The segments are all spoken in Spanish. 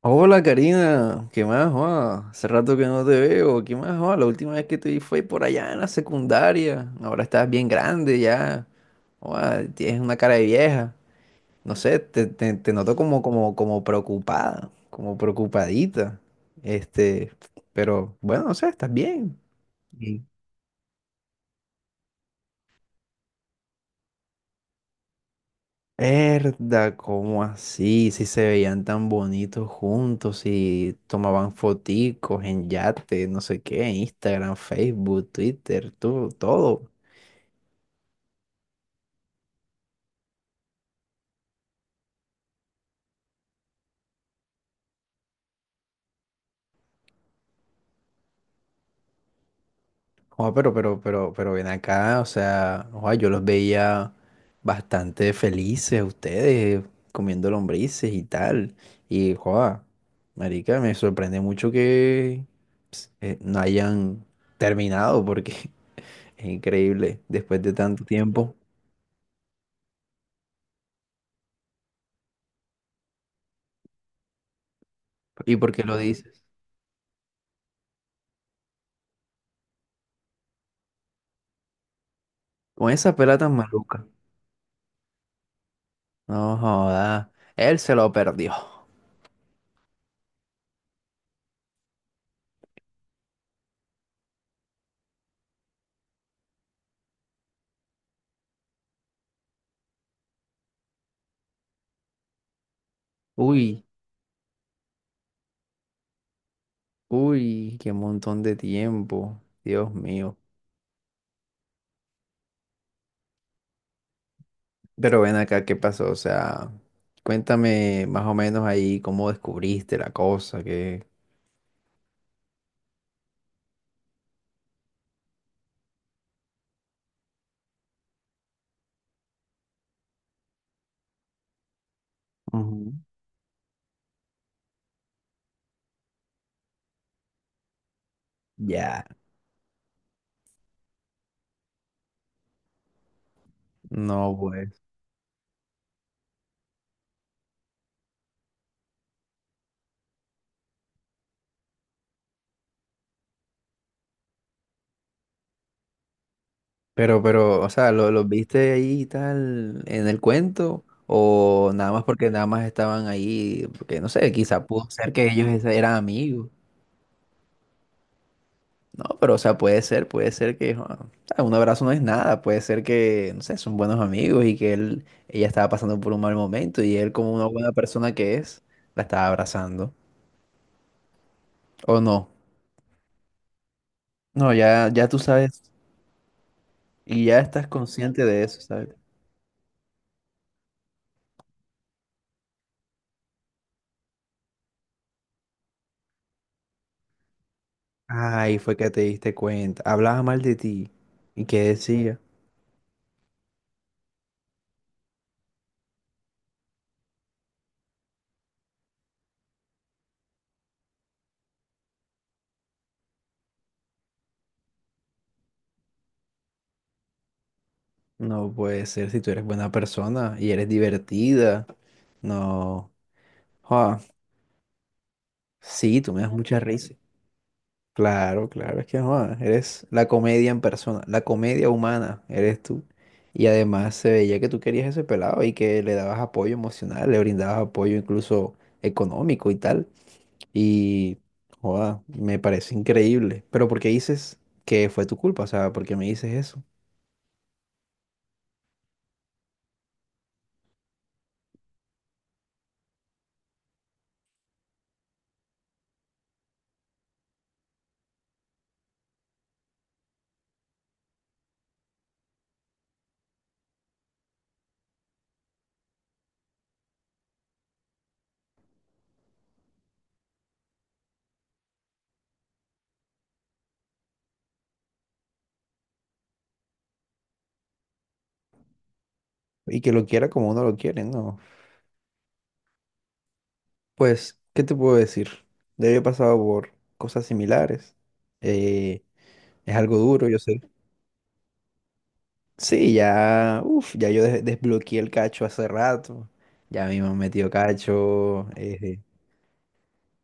Hola Karina, ¿qué más? ¿Joa? Hace rato que no te veo, ¿qué más? ¿Joa? La última vez que te vi fue por allá en la secundaria, ahora estás bien grande ya, joa, tienes una cara de vieja, no sé, te noto como, como preocupada, como preocupadita, este, pero bueno, no sé, estás bien. Herda, ¿cómo así? Si se veían tan bonitos juntos, si tomaban foticos en yate, no sé qué, en Instagram, Facebook, Twitter, todo, todo. Joa, pero ven acá, o sea, joa, yo los veía bastante felices ustedes, comiendo lombrices y tal. Y, joa, marica, me sorprende mucho que no hayan terminado, porque es increíble, después de tanto tiempo. ¿Y por qué lo dices? Con esa pela tan maluca. No joda. Él se lo perdió. Uy, uy, qué montón de tiempo. Dios mío. Pero ven acá, ¿qué pasó? O sea, cuéntame más o menos ahí cómo descubriste la cosa, que... Ujú. Ya, no pues. Pero, o sea, ¿ los viste ahí y tal en el cuento? ¿O nada más porque nada más estaban ahí? Porque no sé, quizá pudo ser que ellos esa- eran amigos. No, pero o sea, puede ser que jo, o sea, un abrazo no es nada, puede ser que, no sé, son buenos amigos y que ella estaba pasando por un mal momento y él como una buena persona que es, la estaba abrazando. O no, no, ya, ya tú sabes y ya estás consciente de eso, ¿sabes? Ay, fue que te diste cuenta, hablaba mal de ti y qué decía. No puede ser, si tú eres buena persona y eres divertida. No, ah, sí, tú me das mucha risa. Claro, claro, es que no, eres la comedia en persona, la comedia humana, eres tú. Y además se veía que tú querías ese pelado y que le dabas apoyo emocional, le brindabas apoyo incluso económico y tal. Y, joda, me parece increíble. Pero ¿por qué dices que fue tu culpa? O sea, ¿por qué me dices eso? Y que lo quiera como uno lo quiere, ¿no? Pues, ¿qué te puedo decir? Yo he pasado por cosas similares. eh, es algo duro, yo sé. Sí, ya, uf, ya yo des- desbloqueé el cacho hace rato. Ya mismo me metió cacho.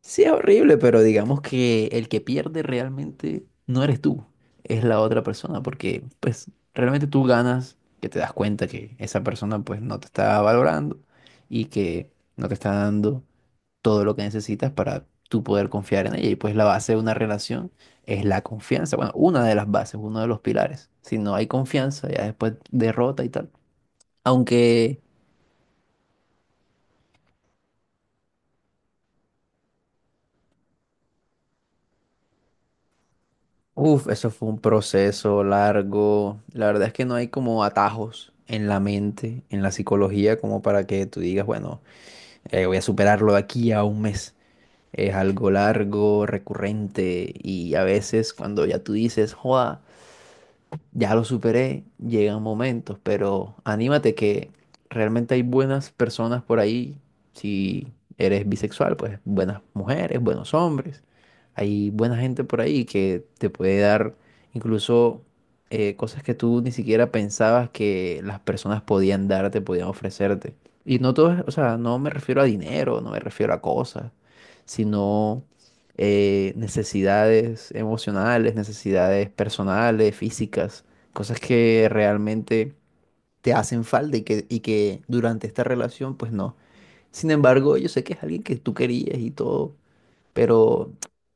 Sí, es horrible, pero digamos que el que pierde realmente no eres tú, es la otra persona, porque pues realmente tú ganas que te das cuenta que esa persona pues no te está valorando y que no te está dando todo lo que necesitas para tú poder confiar en ella. Y pues la base de una relación es la confianza. Bueno, una de las bases, uno de los pilares. Si no hay confianza, ya después derrota y tal. Aunque, uff, eso fue un proceso largo. La verdad es que no hay como atajos en la mente, en la psicología, como para que tú digas, bueno, voy a superarlo de aquí a un mes. Es algo largo, recurrente, y a veces cuando ya tú dices, joda, ya lo superé, llegan momentos, pero anímate que realmente hay buenas personas por ahí. Si eres bisexual, pues buenas mujeres, buenos hombres. Hay buena gente por ahí que te puede dar incluso cosas que tú ni siquiera pensabas que las personas podían darte, podían ofrecerte. Y no todo, es- o sea, no me refiero a dinero, no me refiero a cosas, sino necesidades emocionales, necesidades personales, físicas. Cosas que realmente te hacen falta y que durante esta relación, pues no. Sin embargo, yo sé que es alguien que tú querías y todo, pero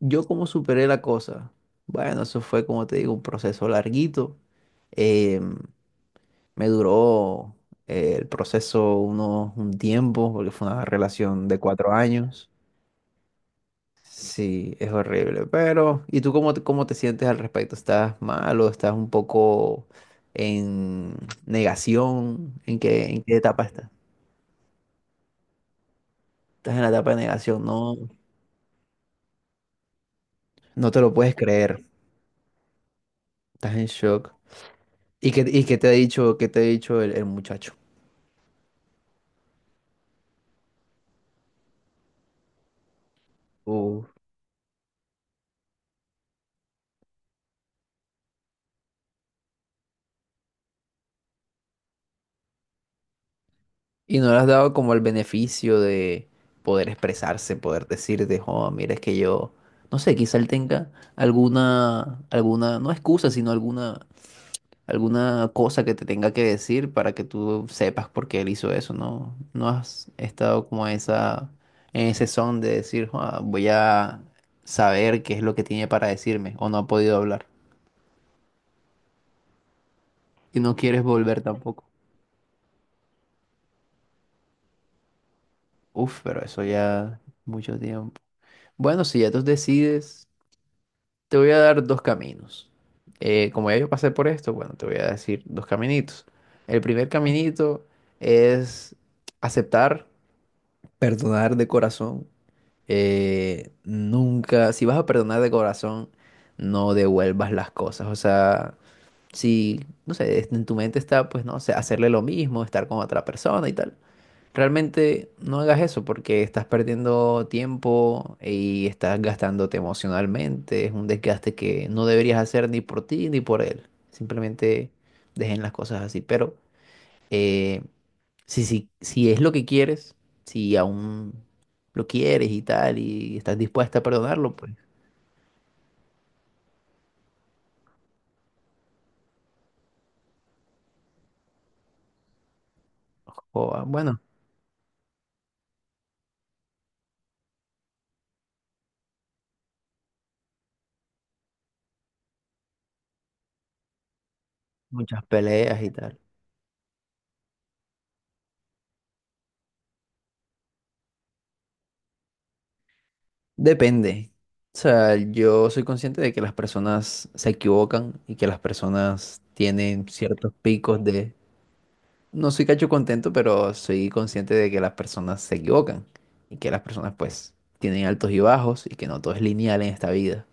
yo como superé la cosa. Bueno, eso fue, como te digo, un proceso larguito. Eh, Me duró el proceso un tiempo, porque fue una relación de 4 años. Sí, es horrible, pero ¿y tú cómo cómo te sientes al respecto? ¿Estás mal o estás un poco en negación? En qué etapa estás? Estás en la etapa de negación, no, no te lo puedes creer, estás en shock. Y qué te ha dicho, qué te ha dicho el muchacho? Uf. Y no le has dado como el beneficio de poder expresarse, poder decirte, oh, mira, es que yo, no sé, quizá él tenga alguna, alguna, no excusa, sino alguna cosa que te tenga que decir para que tú sepas por qué él hizo eso, ¿no? No has estado como esa, en ese son de decir, "Ah, voy a saber qué es lo que tiene para decirme", o no ha podido hablar. Y no quieres volver tampoco. Uf, pero eso ya mucho tiempo. Bueno, si ya tú decides, te voy a dar dos caminos. Como ya yo pasé por esto, bueno, te voy a decir dos caminitos. El primer caminito es aceptar. Perdonar de corazón. Nunca, si vas a perdonar de corazón, no devuelvas las cosas. O sea, si, no sé, es- en tu mente está, pues, no sé, hacerle lo mismo, estar con otra persona y tal. Realmente no hagas eso porque estás perdiendo tiempo y estás gastándote emocionalmente. Es un desgaste que no deberías hacer ni por ti ni por él. Simplemente dejen las cosas así. Pero eh, si es lo que quieres, si aún lo quieres y tal, y estás dispuesta a perdonarlo, pues, joda, bueno, muchas peleas y tal. Depende. O sea, yo soy consciente de que las personas se equivocan y que las personas tienen ciertos picos de, no soy cacho contento, pero soy consciente de que las personas se equivocan y que las personas pues tienen altos y bajos y que no todo es lineal en esta vida.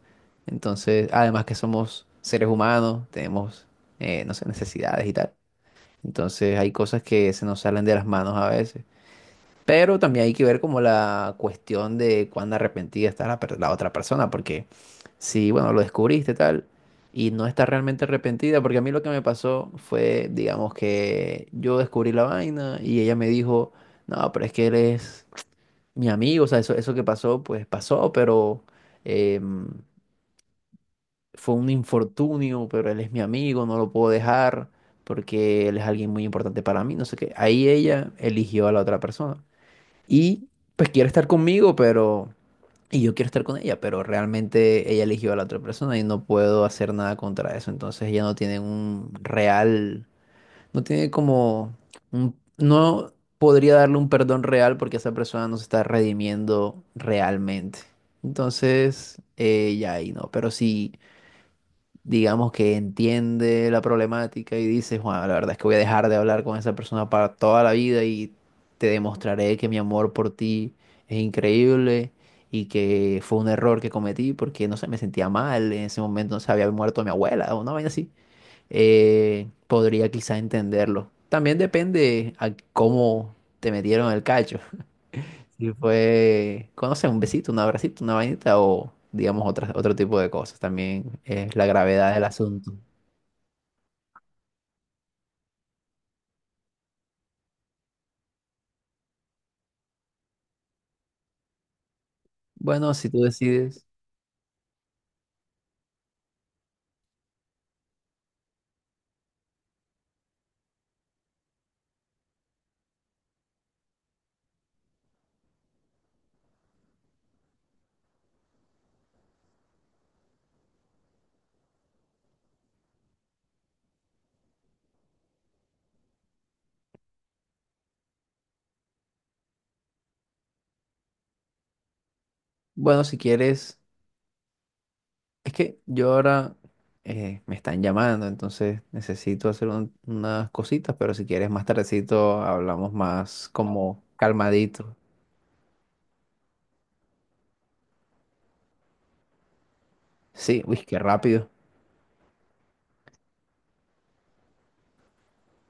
Entonces, además que somos seres humanos, tenemos, no sé, necesidades y tal. Entonces hay cosas que se nos salen de las manos a veces. Pero también hay que ver como la cuestión de cuán arrepentida está la, per- la otra persona, porque si, bueno, lo descubriste tal y no está realmente arrepentida, porque a mí lo que me pasó fue, digamos, que yo descubrí la vaina y ella me dijo, no, pero es que él es mi amigo, o sea, eso que pasó, pues pasó, pero em, fue un infortunio, pero él es mi amigo, no lo puedo dejar porque él es alguien muy importante para mí, no sé qué. Ahí ella eligió a la otra persona. Y pues quiere estar conmigo, pero... Y yo quiero estar con ella, pero realmente ella eligió a la otra persona y no puedo hacer nada contra eso. Entonces ella no tiene un real... No tiene como... un- no podría darle un perdón real porque esa persona no se está redimiendo realmente. Entonces, ya ahí no. Pero sí digamos que entiende la problemática y dice, Juan, la verdad es que voy a dejar de hablar con esa persona para toda la vida y te demostraré que mi amor por ti es increíble y que fue un error que cometí porque, no sé, me sentía mal, en ese momento no se había muerto mi abuela o una vaina así, podría quizá entenderlo. También depende a cómo te metieron el cacho, si fue, conoce un besito, un abracito, una vainita o digamos otra otro tipo de cosas. También es la gravedad del asunto. Bueno, si tú decides, bueno, si quieres, es que yo ahora me están llamando, entonces necesito hacer un- unas cositas, pero si quieres más tardecito hablamos más como calmadito. Sí, uy, qué rápido.